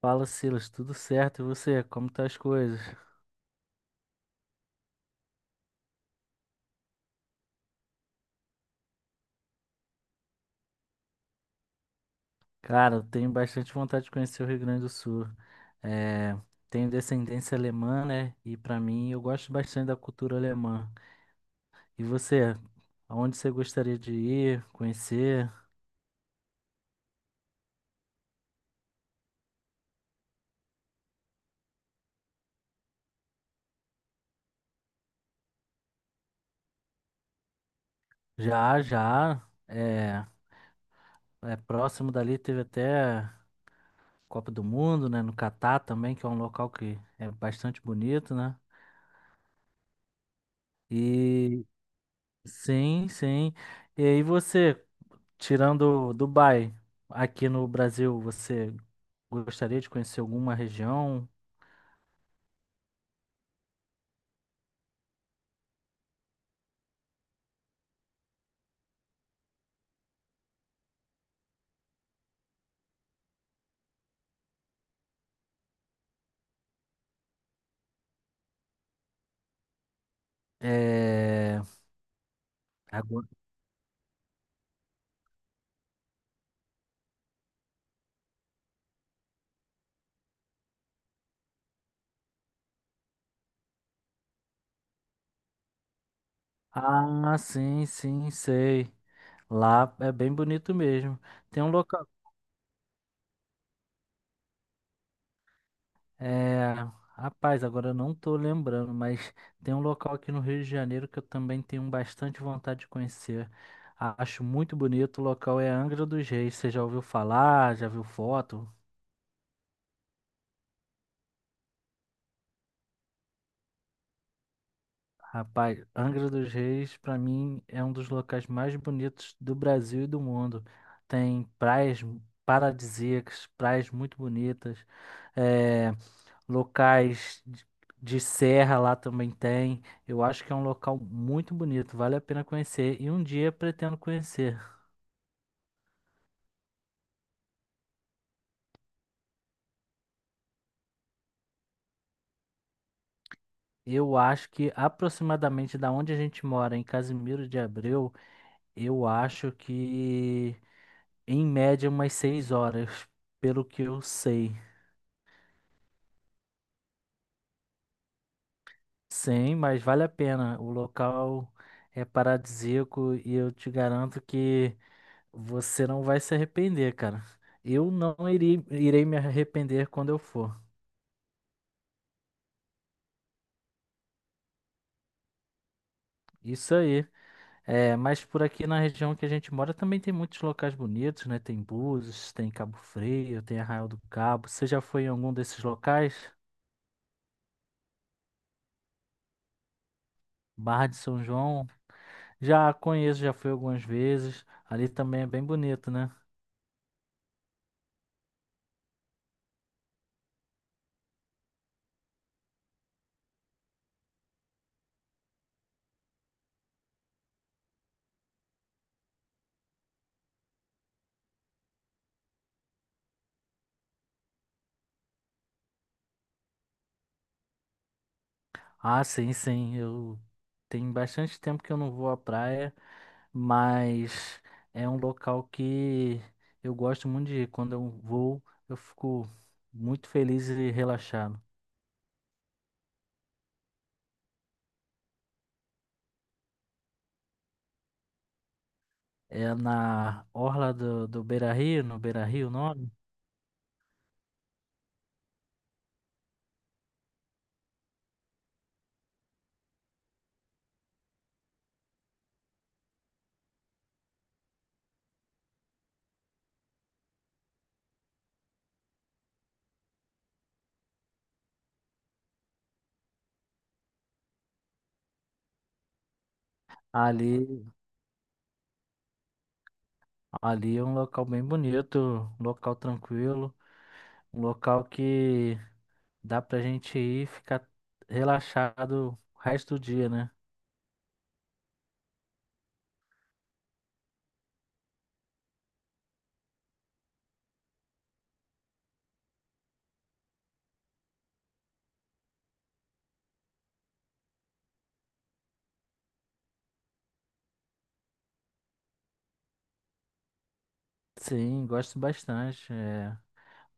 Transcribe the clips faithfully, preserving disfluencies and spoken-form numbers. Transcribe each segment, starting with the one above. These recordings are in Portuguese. Fala, Silas, tudo certo? E você, como tá as coisas? Cara, eu tenho bastante vontade de conhecer o Rio Grande do Sul. É, tenho descendência alemã, né? E pra mim, eu gosto bastante da cultura alemã. E você, aonde você gostaria de ir, conhecer? Já, já, é, é próximo dali, teve até Copa do Mundo, né? No Catar também, que é um local que é bastante bonito, né? E sim, sim. E aí você? Tirando Dubai, aqui no Brasil, você gostaria de conhecer alguma região? É... agora- Ah, sim, sim, sei. Lá é bem bonito mesmo. Tem um local. É... Rapaz, agora eu não tô lembrando, mas tem um local aqui no Rio de Janeiro que eu também tenho bastante vontade de conhecer. A- Acho muito bonito. O local é Angra dos Reis. Você já ouviu falar? Já viu foto? Rapaz, Angra dos Reis, pra mim, é um dos locais mais bonitos do Brasil e do mundo. Tem praias paradisíacas, praias muito bonitas, é, locais de de serra lá também tem. Eu acho que é um local muito bonito, vale a pena conhecer e um dia pretendo conhecer. Eu acho que aproximadamente da onde a gente mora, em Casimiro de Abreu, eu acho que em média umas seis horas, pelo que eu sei. Sim, mas vale a pena. O local é paradisíaco e eu te garanto que você não vai se arrepender, cara. Eu não irei, irei me arrepender quando eu for. Isso aí. É, mas por aqui na região que a gente mora também tem muitos locais bonitos, né? Tem Búzios, tem Cabo Frio, tem Arraial do Cabo. Você já foi em algum desses locais? Barra de São João? Já conheço, já fui algumas vezes. Ali também é bem bonito, né? Ah, sim, sim. Eu Tem bastante tempo que eu não vou à praia, mas é um local que eu gosto muito de ir. Quando eu vou, eu fico muito feliz e relaxado. É na orla do, do Beira-Rio, no Beira-Rio, o nome? Ali, ali é um local bem bonito, um local tranquilo, um local que dá pra gente ir e ficar relaxado o resto do dia, né? Sim, gosto bastante.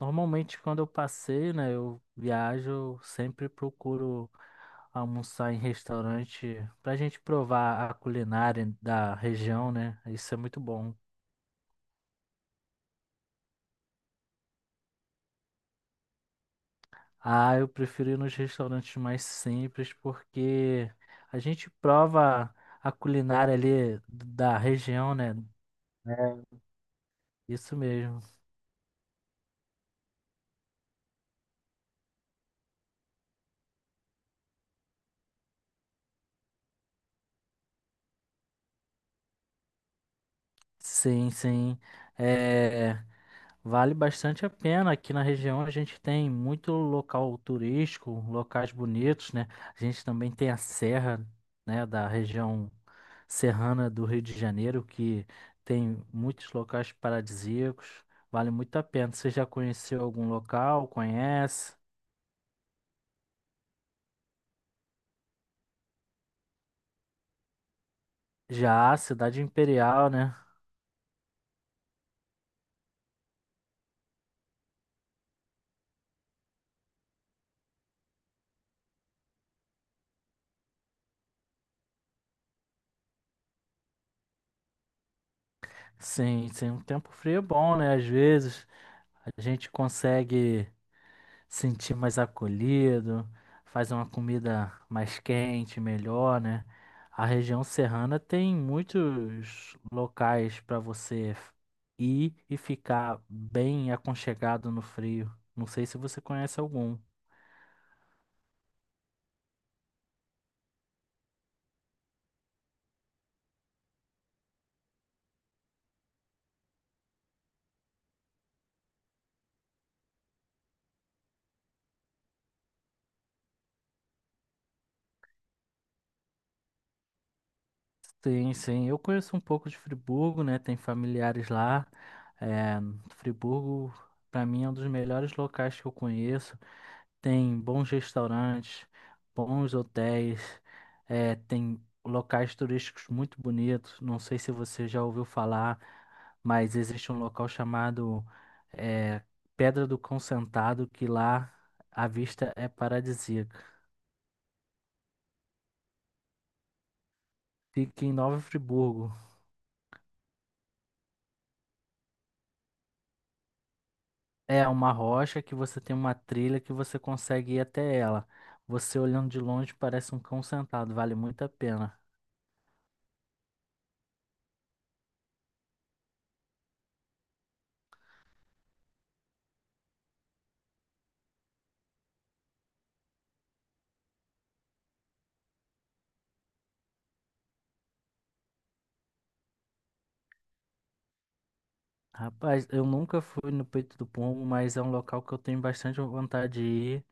Normalmente, quando eu passeio, né, eu viajo, eu sempre procuro almoçar em restaurante pra gente provar a culinária da região, né? Isso é muito bom. Ah, eu prefiro ir nos restaurantes mais simples porque a gente prova a culinária ali da região, né? É, isso mesmo. Sim, sim. É. Vale bastante a pena. Aqui na região a gente tem muito local turístico, locais bonitos, né? A gente também tem a serra, né, da região serrana do Rio de Janeiro, que tem muitos locais paradisíacos. Vale muito a pena. Você já conheceu algum local? Conhece? Já, Cidade Imperial, né? Sim, sim, um tempo frio é bom, né? Às vezes a gente consegue sentir mais acolhido, faz uma comida mais quente, melhor, né? A região serrana tem muitos locais para você ir e ficar bem aconchegado no frio. Não sei se você conhece algum. Sim, sim, eu conheço um pouco de Friburgo, né? Tem familiares lá. É, Friburgo, para mim, é um dos melhores locais que eu conheço. Tem bons restaurantes, bons hotéis, eh, tem locais turísticos muito bonitos. Não sei se você já ouviu falar, mas existe um local chamado eh, Pedra do Cão Sentado que lá a vista é paradisíaca. Fica em Nova Friburgo. É uma rocha que você tem uma trilha que você consegue ir até ela. Você olhando de longe parece um cão sentado, vale muito a pena. Rapaz, eu nunca fui no Peito do Pombo, mas é um local que eu tenho bastante vontade de ir,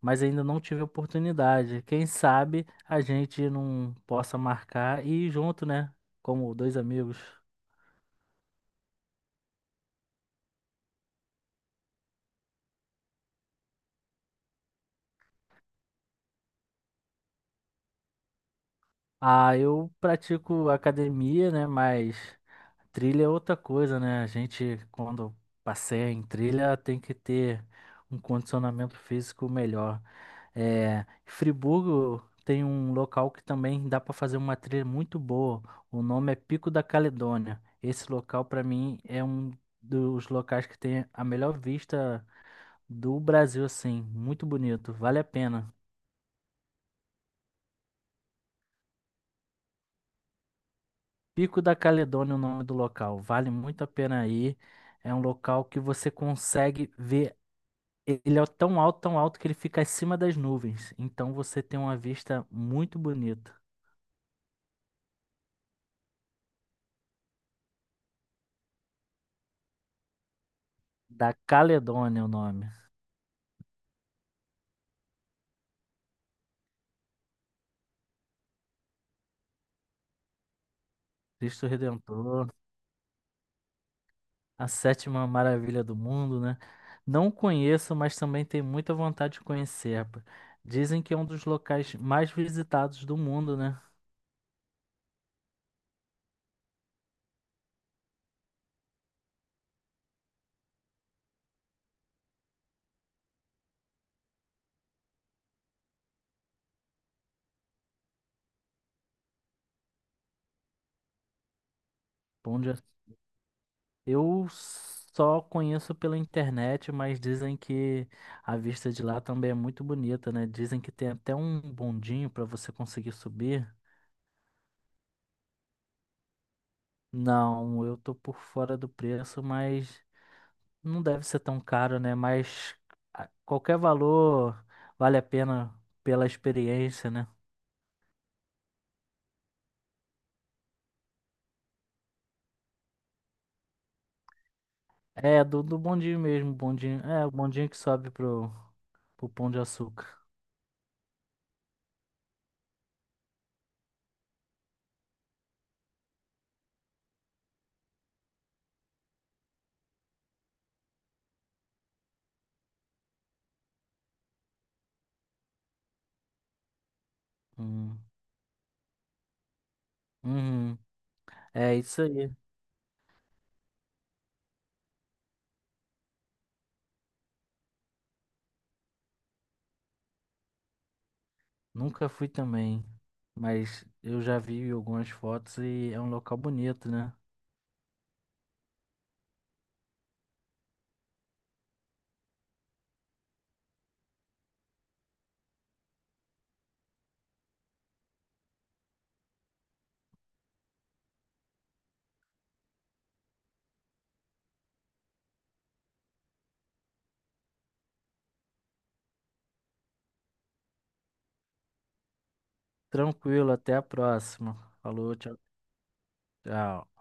mas ainda não tive oportunidade. Quem sabe a gente não possa marcar e ir junto, né? Como dois amigos. Ah, eu pratico academia, né? Mas trilha é outra coisa, né? A gente, quando passeia em trilha, tem que ter um condicionamento físico melhor. É, Friburgo tem um local que também dá para fazer uma trilha muito boa. O nome é Pico da Caledônia. Esse local, para mim, é um dos locais que tem a melhor vista do Brasil, assim. Muito bonito, vale a pena. Pico da Caledônia é o nome do local. Vale muito a pena ir. É um local que você consegue ver. Ele é tão alto, tão alto que ele fica acima das nuvens. Então você tem uma vista muito bonita. Da Caledônia é o nome. Cristo Redentor, a sétima maravilha do mundo, né? Não conheço, mas também tenho muita vontade de conhecer. Pá. Dizem que é um dos locais mais visitados do mundo, né? Onde é- eu só conheço pela internet, mas dizem que a vista de lá também é muito bonita, né? Dizem que tem até um bondinho para você conseguir subir. Não, eu tô por fora do preço, mas não deve ser tão caro, né? Mas a- qualquer valor vale a pena pela experiência, né? É, do, do bondinho mesmo, bondinho. É, o bondinho que sobe pro, pro Pão de Açúcar. Hum. Uhum. É isso aí. Nunca fui também, mas eu já vi algumas fotos e é um local bonito, né? Tranquilo, até a próxima. Falou, tchau, tchau.